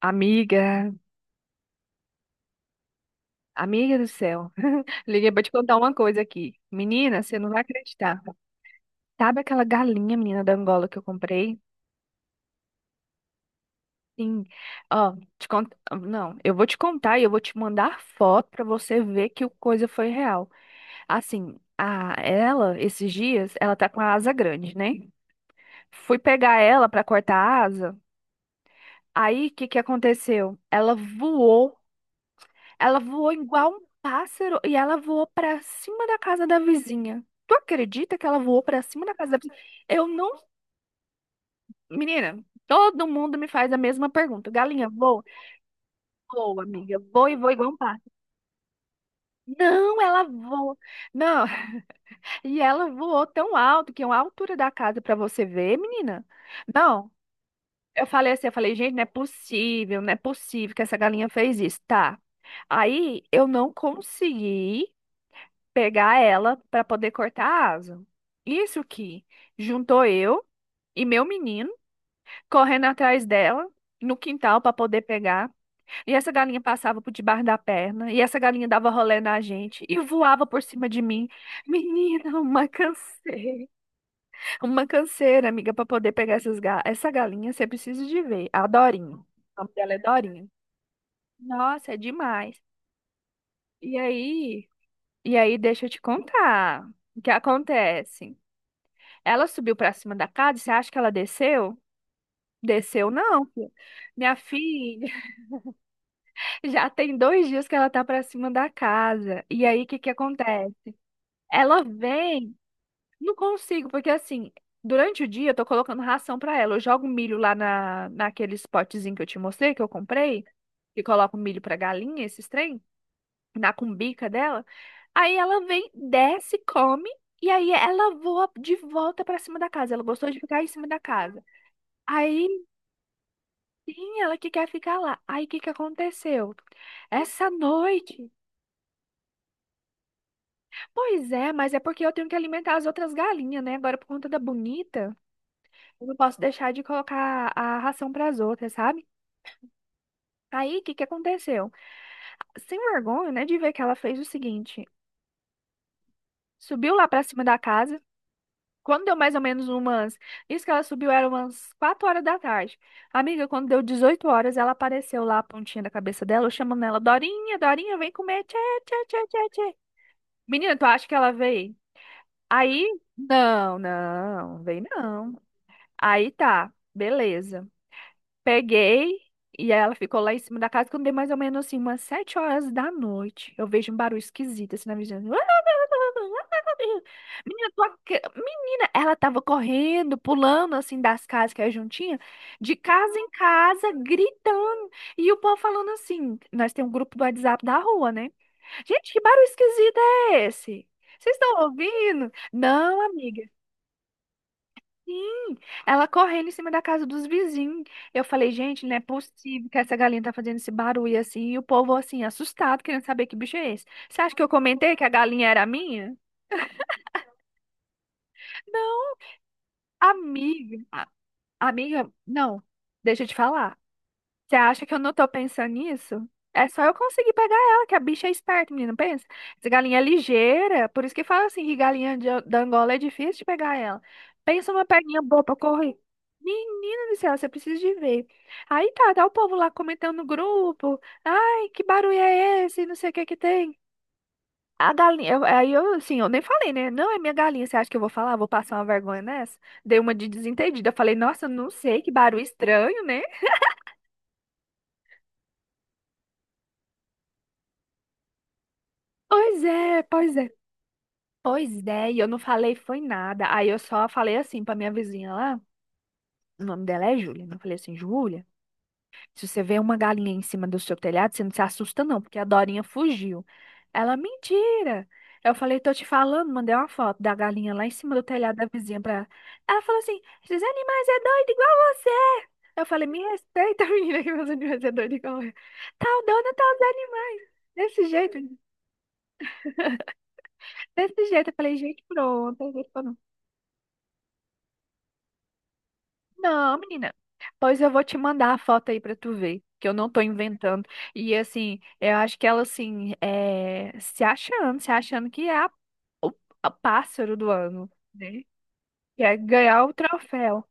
Amiga, amiga do céu, liguei pra te contar uma coisa aqui. Menina, você não vai acreditar. Sabe aquela galinha, menina da Angola que eu comprei? Sim. Ó, te conto... Não, eu vou te contar e eu vou te mandar foto pra você ver que o coisa foi real. Assim, a ela, esses dias, ela tá com a asa grande, né? Fui pegar ela pra cortar a asa. Aí, o que que aconteceu? Ela voou. Ela voou igual um pássaro e ela voou pra cima da casa da vizinha. Tu acredita que ela voou pra cima da casa da vizinha? Eu não. Menina, todo mundo me faz a mesma pergunta. Galinha, voa? Voa, amiga. Voa e voa igual um pássaro. Não, ela voa. Não, e ela voou tão alto que é uma altura da casa pra você ver, menina. Não, eu falei assim, eu falei, gente, não é possível, não é possível que essa galinha fez isso. Tá. Aí eu não consegui pegar ela para poder cortar a asa. Isso que juntou eu e meu menino correndo atrás dela no quintal para poder pegar. E essa galinha passava por debaixo da perna, e essa galinha dava rolê na gente e voava por cima de mim. Menina, uma canseira, amiga, para poder pegar essa galinha, você precisa de ver, a Dorinha. O nome dela é Dorinha. Nossa, é demais. E aí, e aí, deixa eu te contar o que acontece. Ela subiu pra cima da casa, você acha que ela desceu? Desceu não, filha. Minha filha, já tem 2 dias que ela tá pra cima da casa. E aí, o que que acontece? Ela vem, não consigo, porque assim, durante o dia eu tô colocando ração pra ela. Eu jogo milho lá na, naqueles potezinho que eu te mostrei, que eu comprei, que coloco milho pra galinha, esses trem, na cumbica dela. Aí ela vem, desce, come, e aí ela voa de volta pra cima da casa. Ela gostou de ficar em cima da casa. Aí sim, ela que quer ficar lá. Aí o que que aconteceu? Essa noite. Pois é, mas é porque eu tenho que alimentar as outras galinhas, né? Agora, por conta da bonita, eu não posso deixar de colocar a ração para as outras, sabe? Aí o que que aconteceu? Sem vergonha, né, de ver que ela fez o seguinte: subiu lá para cima da casa. Quando deu mais ou menos umas. Isso que ela subiu era umas 4 horas da tarde. Amiga, quando deu 18 horas, ela apareceu lá a pontinha da cabeça dela, eu chamando ela: Dorinha, Dorinha, vem comer. Tchê, tchê, tchê, tchê, tchê. Menina, tu acha que ela veio? Aí, não, não, vem não. Aí tá, beleza. Peguei e ela ficou lá em cima da casa quando deu mais ou menos assim, umas 7 horas da noite. Eu vejo um barulho esquisito assim na vizinhança. Menina, menina, ela tava correndo, pulando assim das casas que é juntinha, de casa em casa, gritando. E o povo falando assim: nós temos um grupo do WhatsApp da rua, né? Gente, que barulho esquisito é esse? Vocês estão ouvindo? Não, amiga. Sim, ela correndo em cima da casa dos vizinhos. Eu falei, gente, não é possível que essa galinha tá fazendo esse barulho assim. E o povo, assim, assustado, querendo saber que bicho é esse. Você acha que eu comentei que a galinha era minha? Não, amiga. Amiga, não. Deixa eu te falar. Você acha que eu não tô pensando nisso? É só eu conseguir pegar ela, que a bicha é esperta, menina, pensa. Essa galinha é ligeira, por isso que fala assim, que galinha da Angola é difícil de pegar ela. Pensa numa perninha boa pra correr. Menina do céu, você precisa de ver. Aí tá, tá o povo lá comentando no grupo. Ai, que barulho é esse? Não sei o que que tem. A galinha, aí eu, assim, eu nem falei, né? Não é minha galinha, você acha que eu vou falar? Vou passar uma vergonha nessa? Dei uma de desentendida. Eu falei, nossa, não sei, que barulho estranho, né? Pois é, pois é. Pois é, e eu não falei foi nada. Aí eu só falei assim pra minha vizinha lá, o nome dela é Júlia, né? Eu falei assim, Júlia, se você vê uma galinha em cima do seu telhado, você não se assusta não, porque a Dorinha fugiu. Ela, mentira. Eu falei, tô te falando, mandei uma foto da galinha lá em cima do telhado da vizinha pra ela. Ela falou assim, esses animais é doido igual você. Eu falei, me respeita, menina, que meus animais é doido igual eu. Tal dona, tal os animais. Desse jeito, desse jeito. Eu falei, gente, pronto. Não, menina. Pois eu vou te mandar a foto aí pra tu ver, que eu não tô inventando. E assim, eu acho que ela assim, é, se achando, se achando que é o a pássaro do ano, né? Que é ganhar o troféu.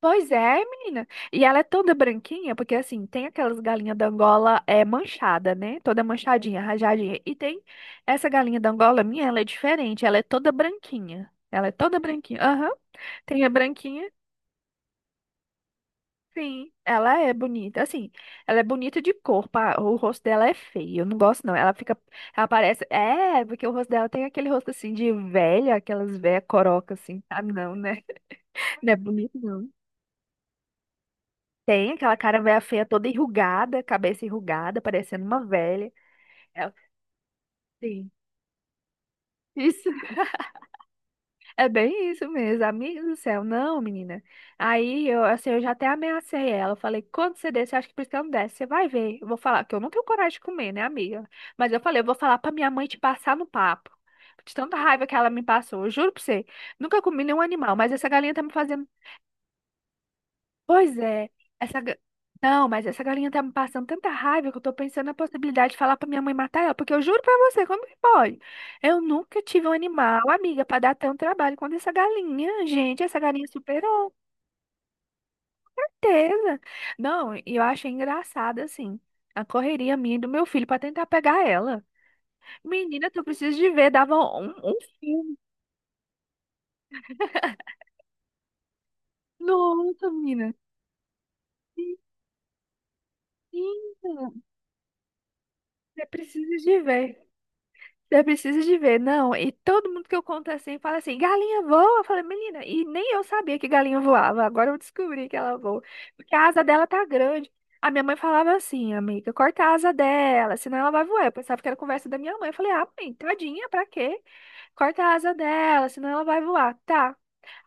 Pois é, menina. E ela é toda branquinha, porque assim, tem aquelas galinhas da Angola é manchada, né? Toda manchadinha, rajadinha. E tem essa galinha da Angola minha, ela é diferente, ela é toda branquinha. Ela é toda branquinha. Aham. Tem a branquinha. Sim, ela é bonita. Assim, ela é bonita de corpo. O rosto dela é feio. Eu não gosto, não. Ela fica. Ela parece. É, porque o rosto dela tem aquele rosto assim de velha, aquelas velhas coroca assim. Ah, não, né? Não é bonito, não. Tem aquela cara velha feia toda enrugada, cabeça enrugada, parecendo uma velha. Ela, sim. É bem isso mesmo, amiga do céu. Não, menina. Aí eu, assim, eu já até ameacei ela. Eu falei, quando você desce, eu acho que por isso que ela não desce, você vai ver. Eu vou falar, que eu não tenho coragem de comer, né, amiga? Mas eu falei, eu vou falar pra minha mãe te passar no papo. De tanta raiva que ela me passou. Eu juro pra você. Nunca comi nenhum animal, mas essa galinha tá me fazendo... Pois é, essa. ga- não, mas essa galinha tá me passando tanta raiva que eu tô pensando na possibilidade de falar pra minha mãe matar ela, porque eu juro pra você, como que pode? Eu nunca tive um animal, amiga, pra dar tanto trabalho quanto essa galinha. Gente, essa galinha superou, com certeza. Não, e eu achei engraçado, assim, a correria minha e do meu filho pra tentar pegar ela. Menina, tu precisa de ver, dava um filme. Nossa, menina. Menina, você precisa de ver. Eu precisa de ver, não. E todo mundo que eu conto assim fala assim: galinha voa. Eu falei, menina, e nem eu sabia que galinha voava. Agora eu descobri que ela voa. Porque a asa dela tá grande. A minha mãe falava assim, amiga, corta a asa dela, senão ela vai voar. Eu pensava que era conversa da minha mãe. Eu falei, ah, mãe, tadinha, pra quê? Corta a asa dela, senão ela vai voar. Tá.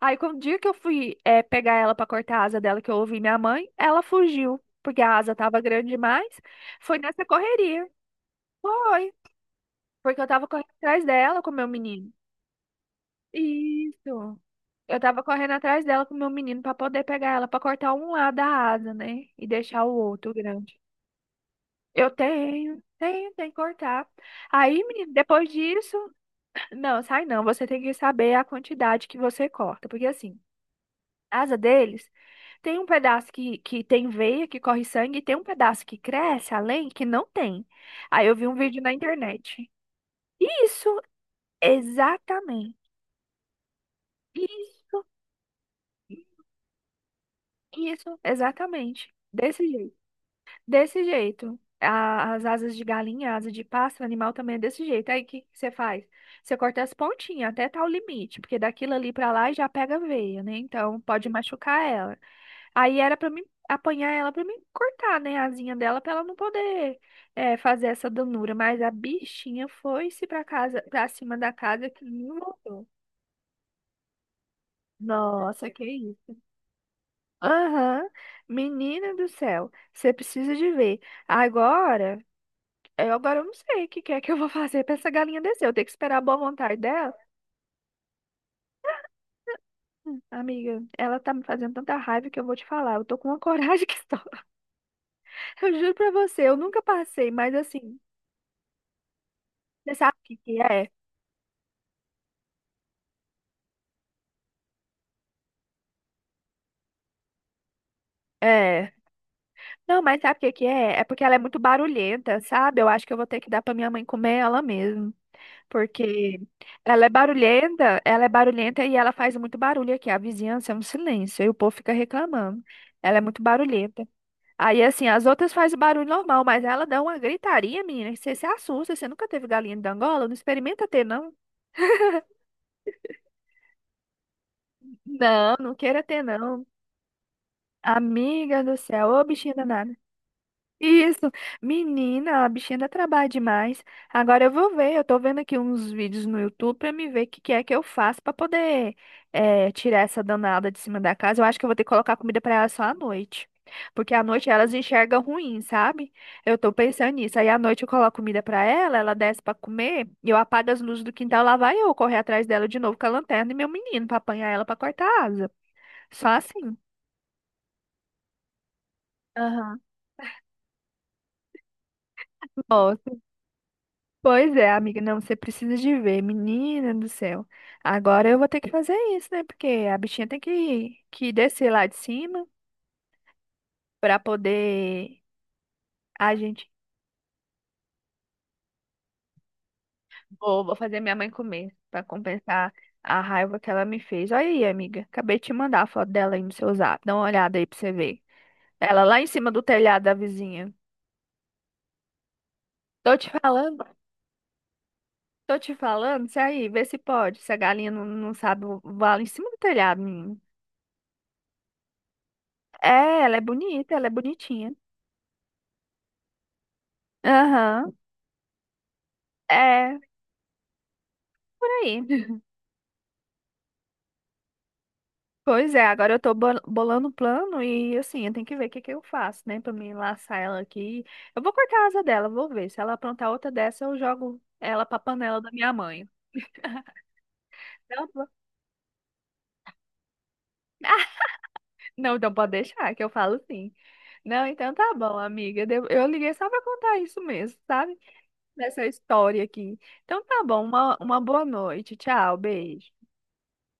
Aí, quando o dia que eu fui pegar ela pra cortar a asa dela, que eu ouvi minha mãe, ela fugiu, porque a asa tava grande demais. Foi nessa correria. Foi. Porque eu tava correndo atrás dela com o meu menino. Isso. Eu tava correndo atrás dela com o meu menino pra poder pegar ela, pra cortar um lado da asa, né? E deixar o outro grande. Eu tenho, tenho, tem que cortar. Aí, menino, depois disso, não, sai não. Você tem que saber a quantidade que você corta. Porque assim, a asa deles tem um pedaço que tem veia, que corre sangue, e tem um pedaço que cresce além, que não tem. Aí eu vi um vídeo na internet. Isso, exatamente. Isso. Isso, exatamente. Desse jeito. Desse jeito. As asas de galinha, asa de pássaro, animal também é desse jeito. Aí o que que você faz? Você corta as pontinhas até tal limite, porque daquilo ali pra lá já pega veia, né? Então pode machucar ela. Aí era pra mim apanhar ela pra mim cortar, né, a asinha dela pra ela não poder, é, fazer essa danura. Mas a bichinha foi-se pra casa, pra cima da casa que não voltou. Nossa, que... Aham. Menina do céu, você precisa de ver. Agora, agora eu não sei o que que é que eu vou fazer pra essa galinha descer. Eu tenho que esperar a boa vontade dela. Amiga, ela tá me fazendo tanta raiva que eu vou te falar. Eu tô com uma coragem que só. Eu juro pra você, eu nunca passei, mas assim, você sabe o que que é? É. Não, mas sabe o que que é? É porque ela é muito barulhenta, sabe? Eu acho que eu vou ter que dar pra minha mãe comer ela mesmo. Porque ela é barulhenta e ela faz muito barulho aqui. A vizinhança é um silêncio e o povo fica reclamando. Ela é muito barulhenta. Aí, assim, as outras fazem barulho normal, mas ela dá uma gritaria, menina, que você se assusta. Você nunca teve galinha de Angola? Não experimenta ter, não? Não, não queira ter, não. Amiga do céu, ô bichinha danada. Isso, menina, a bichinha dá trabalho demais. Agora eu vou ver, eu tô vendo aqui uns vídeos no YouTube pra me ver o que que é que eu faço pra poder tirar essa danada de cima da casa. Eu acho que eu vou ter que colocar comida pra ela só à noite, porque à noite elas enxergam ruim, sabe? Eu tô pensando nisso. Aí à noite eu coloco comida pra ela, ela desce pra comer, e eu apago as luzes do quintal, lá vai eu correr atrás dela de novo com a lanterna e meu menino pra apanhar ela pra cortar a asa. Só assim. Aham. Gosto. Pois é, amiga, não, você precisa de ver, menina do céu. Agora eu vou ter que fazer isso, né? Porque a bichinha tem que descer lá de cima para poder a gente. Vou, vou fazer minha mãe comer para compensar a raiva que ela me fez. Olha aí, amiga, acabei de te mandar a foto dela aí no seu zap. Dá uma olhada aí pra você ver. Ela lá em cima do telhado da vizinha. Tô te falando, tô te falando, se aí, vê se pode. Se a galinha não, não sabe voar lá em cima do telhado, menino. É, ela é bonita, ela é bonitinha. Aham. É, por aí. Pois é, agora eu tô bolando um plano e assim, eu tenho que ver o que que eu faço, né? Pra me laçar ela aqui. Eu vou cortar a asa dela, vou ver. Se ela aprontar outra dessa, eu jogo ela pra panela da minha mãe. Não, pô. Não, então pode deixar, que eu falo sim. Não, então tá bom, amiga. Eu liguei só pra contar isso mesmo, sabe? Dessa história aqui. Então tá bom, uma boa noite. Tchau, beijo.